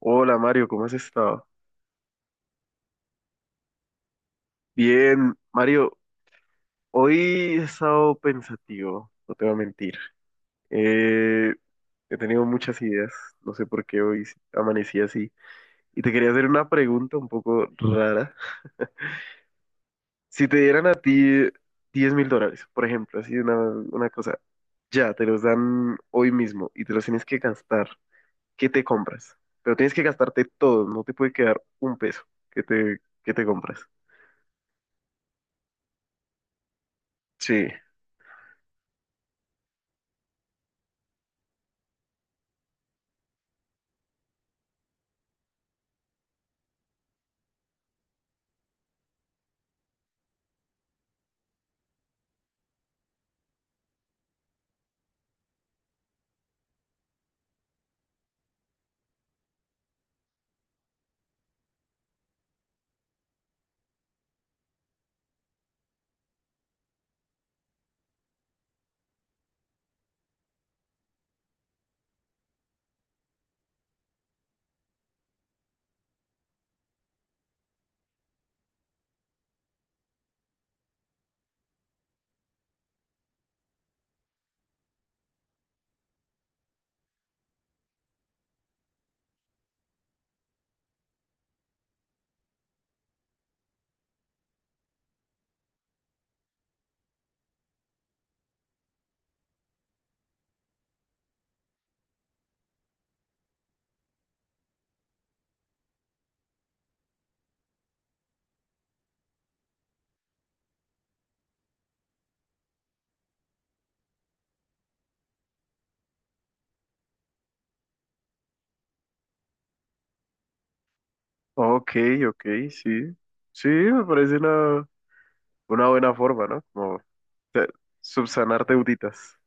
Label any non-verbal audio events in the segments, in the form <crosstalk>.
Hola Mario, ¿cómo has estado? Bien, Mario, hoy he estado pensativo, no te voy a mentir. Eh, He tenido muchas ideas, no sé por qué hoy amanecí así. Y te quería hacer una pregunta un poco rara. Si te dieran a ti 10 mil dólares, por ejemplo, así una cosa, ya te los dan hoy mismo y te los tienes que gastar, ¿qué te compras? Pero tienes que gastarte todo, no te puede quedar un peso. ¿Qué te, qué te compras? Sí. Ok, ok, sí. Sí, me parece una buena forma, ¿no? Como te- subsanar deuditas.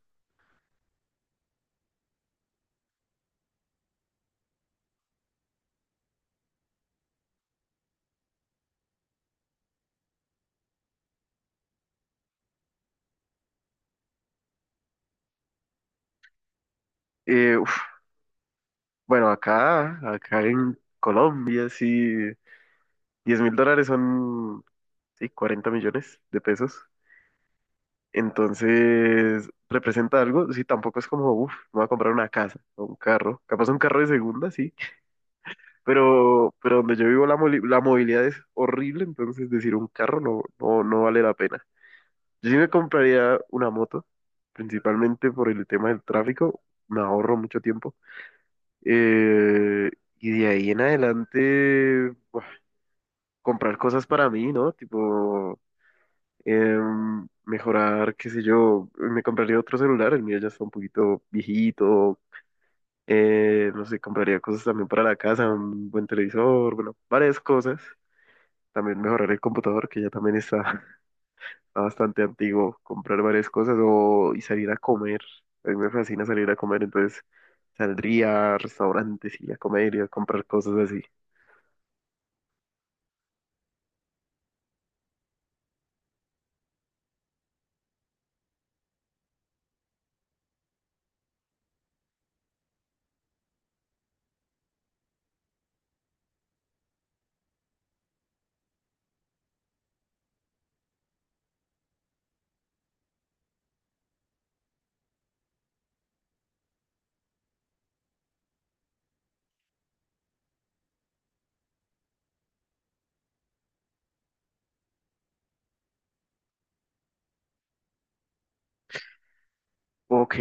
Eh, uf, bueno, acá en Colombia, sí, 10 mil dólares son, sí, 40 millones de pesos. Entonces, representa algo, sí, tampoco es como, uf, me voy a comprar una casa o un carro, capaz un carro de segunda, sí, pero donde yo vivo la movilidad es horrible, entonces decir un carro no, no, no vale la pena. Yo sí me compraría una moto, principalmente por el tema del tráfico, me ahorro mucho tiempo. Eh, y de ahí en adelante, buah, comprar cosas para mí, ¿no? Tipo, mejorar, qué sé yo, me compraría otro celular, el mío ya está un poquito viejito. No sé, compraría cosas también para la casa, un buen televisor, bueno, varias cosas. También mejorar el computador, que ya también está bastante antiguo, comprar varias cosas y salir a comer. A mí me fascina salir a comer, entonces saldría a restaurantes y a comer y a comprar cosas así. Ok,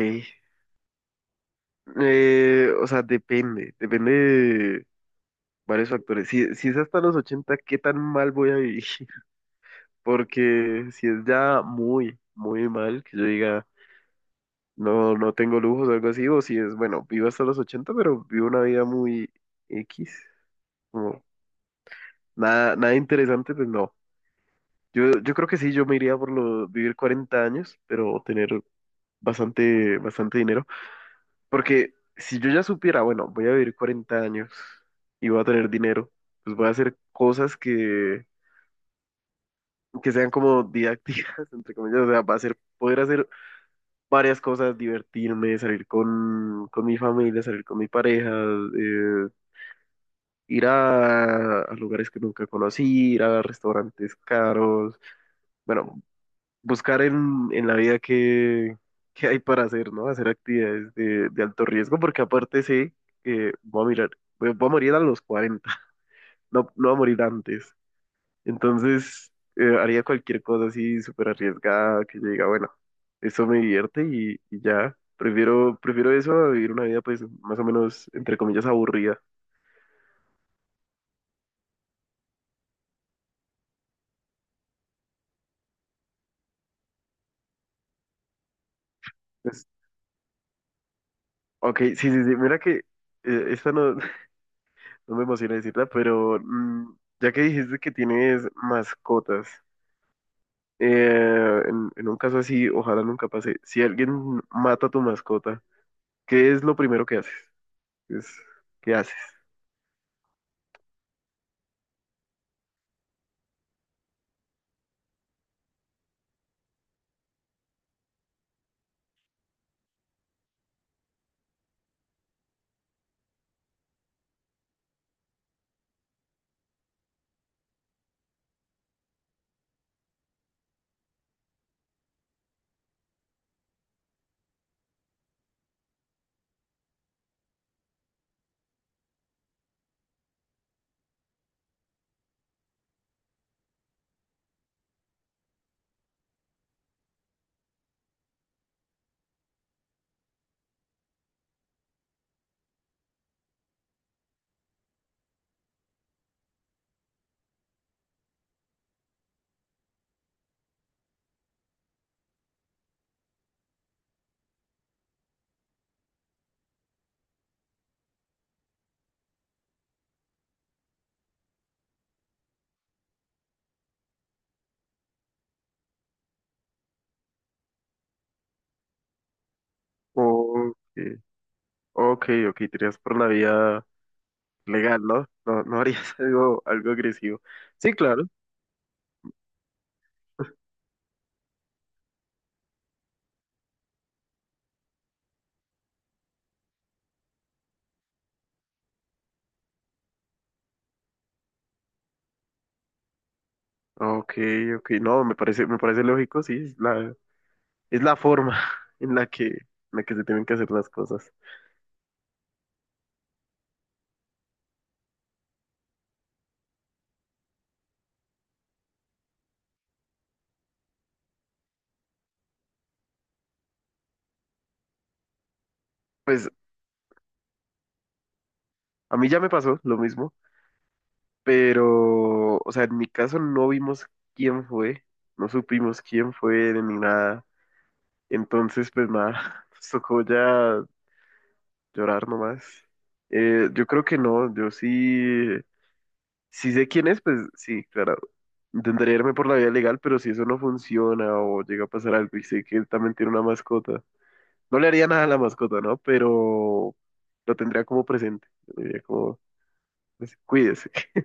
o sea, depende de varios factores. Si es hasta los ochenta, ¿qué tan mal voy a vivir? <laughs> Porque si es ya muy, muy mal, que yo diga, no, no tengo lujos o algo así, o si es, bueno, vivo hasta los 80 pero vivo una vida muy X, como nada interesante, pues no. Yo creo que sí, yo me iría por lo, vivir 40 años, pero tener bastante dinero. Porque si yo ya supiera, bueno, voy a vivir 40 años y voy a tener dinero, pues voy a hacer cosas que sean como didácticas, <laughs> entre comillas. O sea, va a ser poder hacer varias cosas, divertirme, salir con mi familia, salir con mi pareja, eh, ir a lugares que nunca conocí, ir a restaurantes caros. Bueno, buscar en la vida qué hay para hacer, ¿no? Hacer actividades de alto riesgo, porque aparte sé que voy a mirar, voy a morir a los 40 <laughs> no, no voy a morir antes. Entonces, haría cualquier cosa así súper arriesgada que yo diga, bueno, eso me divierte y ya. Prefiero eso a vivir una vida, pues, más o menos, entre comillas, aburrida. Pues, ok, sí, sí, sí, mira que esta no, <laughs> no me emociona decirla, pero mm, ya que dijiste que tienes mascotas, eh, en un caso así, ojalá nunca pase. Si alguien mata a tu mascota, ¿qué es lo primero que haces? ¿Qué es, qué haces? O, ok, ok, tiras por la vía legal, ¿no? No, no harías <laughs> algo, algo agresivo. Sí, claro. Ok, ok, no, me parece lógico, sí, es la forma <laughs> en la en la que se tienen que hacer las cosas. Pues a mí ya me pasó lo mismo. Pero, o sea, en mi caso no vimos quién fue, no supimos quién fue ni nada. Entonces, pues nada, <laughs> nos tocó ya llorar nomás. Yo creo que no, sí sé quién es, pues sí, claro. Intentaré irme por la vía legal, pero si eso no funciona o llega a pasar algo y sé que él también tiene una mascota, no le haría nada a la mascota, ¿no? Pero lo tendría como presente. Le diría como, pues, cuídese. <laughs>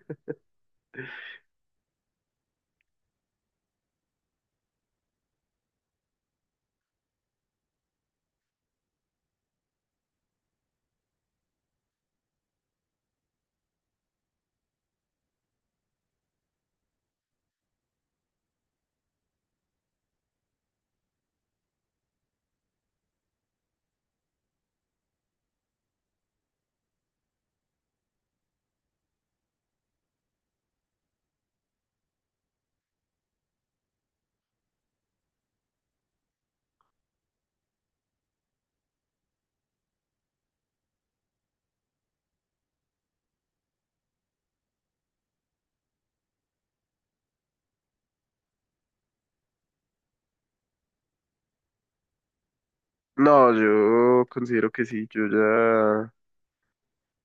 No, yo considero que sí, yo ya.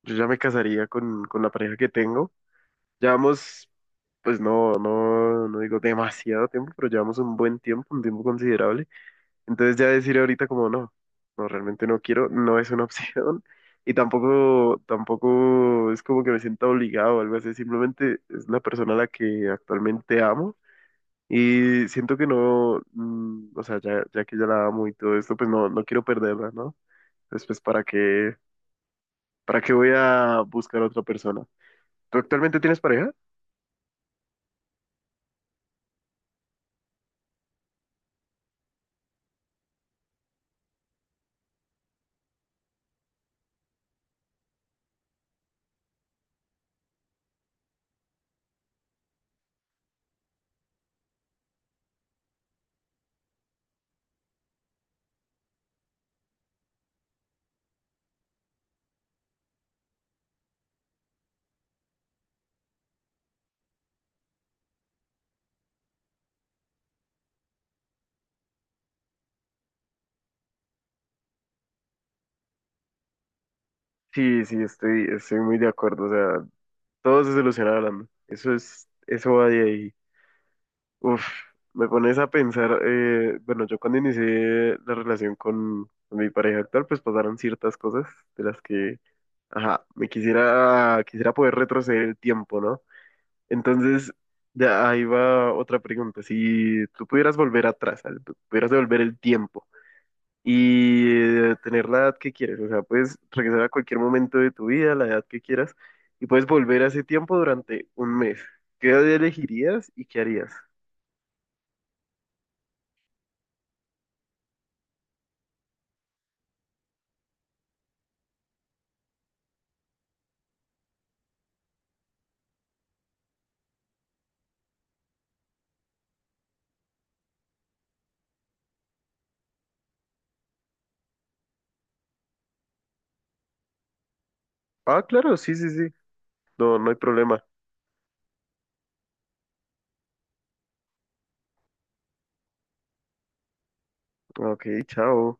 Yo ya me casaría con la pareja que tengo. Llevamos, pues no digo demasiado tiempo, pero llevamos un buen tiempo, un tiempo considerable. Entonces ya decir ahorita como no, no, realmente no quiero, no es una <laughs> opción. Y tampoco, tampoco es como que me sienta obligado o algo así. Simplemente es una persona a la que actualmente amo. Y siento que no, mm, o sea, ya, ya que ya la amo y todo esto, pues no, no quiero perderla, ¿no? Entonces, pues, para qué voy a buscar a otra persona? ¿Tú actualmente tienes pareja? Sí, sí, estoy muy de acuerdo. O sea, todo se soluciona hablando. Eso es, eso va de ahí. Uf, me pones a pensar, bueno, yo cuando inicié la relación con mi pareja actual, pues pasaron ciertas cosas de las que, ajá, me quisiera, quisiera poder retroceder el tiempo, ¿no? Entonces, de ahí va otra pregunta. Si tú pudieras volver atrás, pudieras devolver el tiempo, y tener la edad que quieres. O sea, puedes regresar a cualquier momento de tu vida, la edad que quieras, y puedes volver a ese tiempo durante un mes. ¿Qué edad elegirías y qué harías? Ah, claro, sí, sí, sí. No, no hay problema. Ok, chao.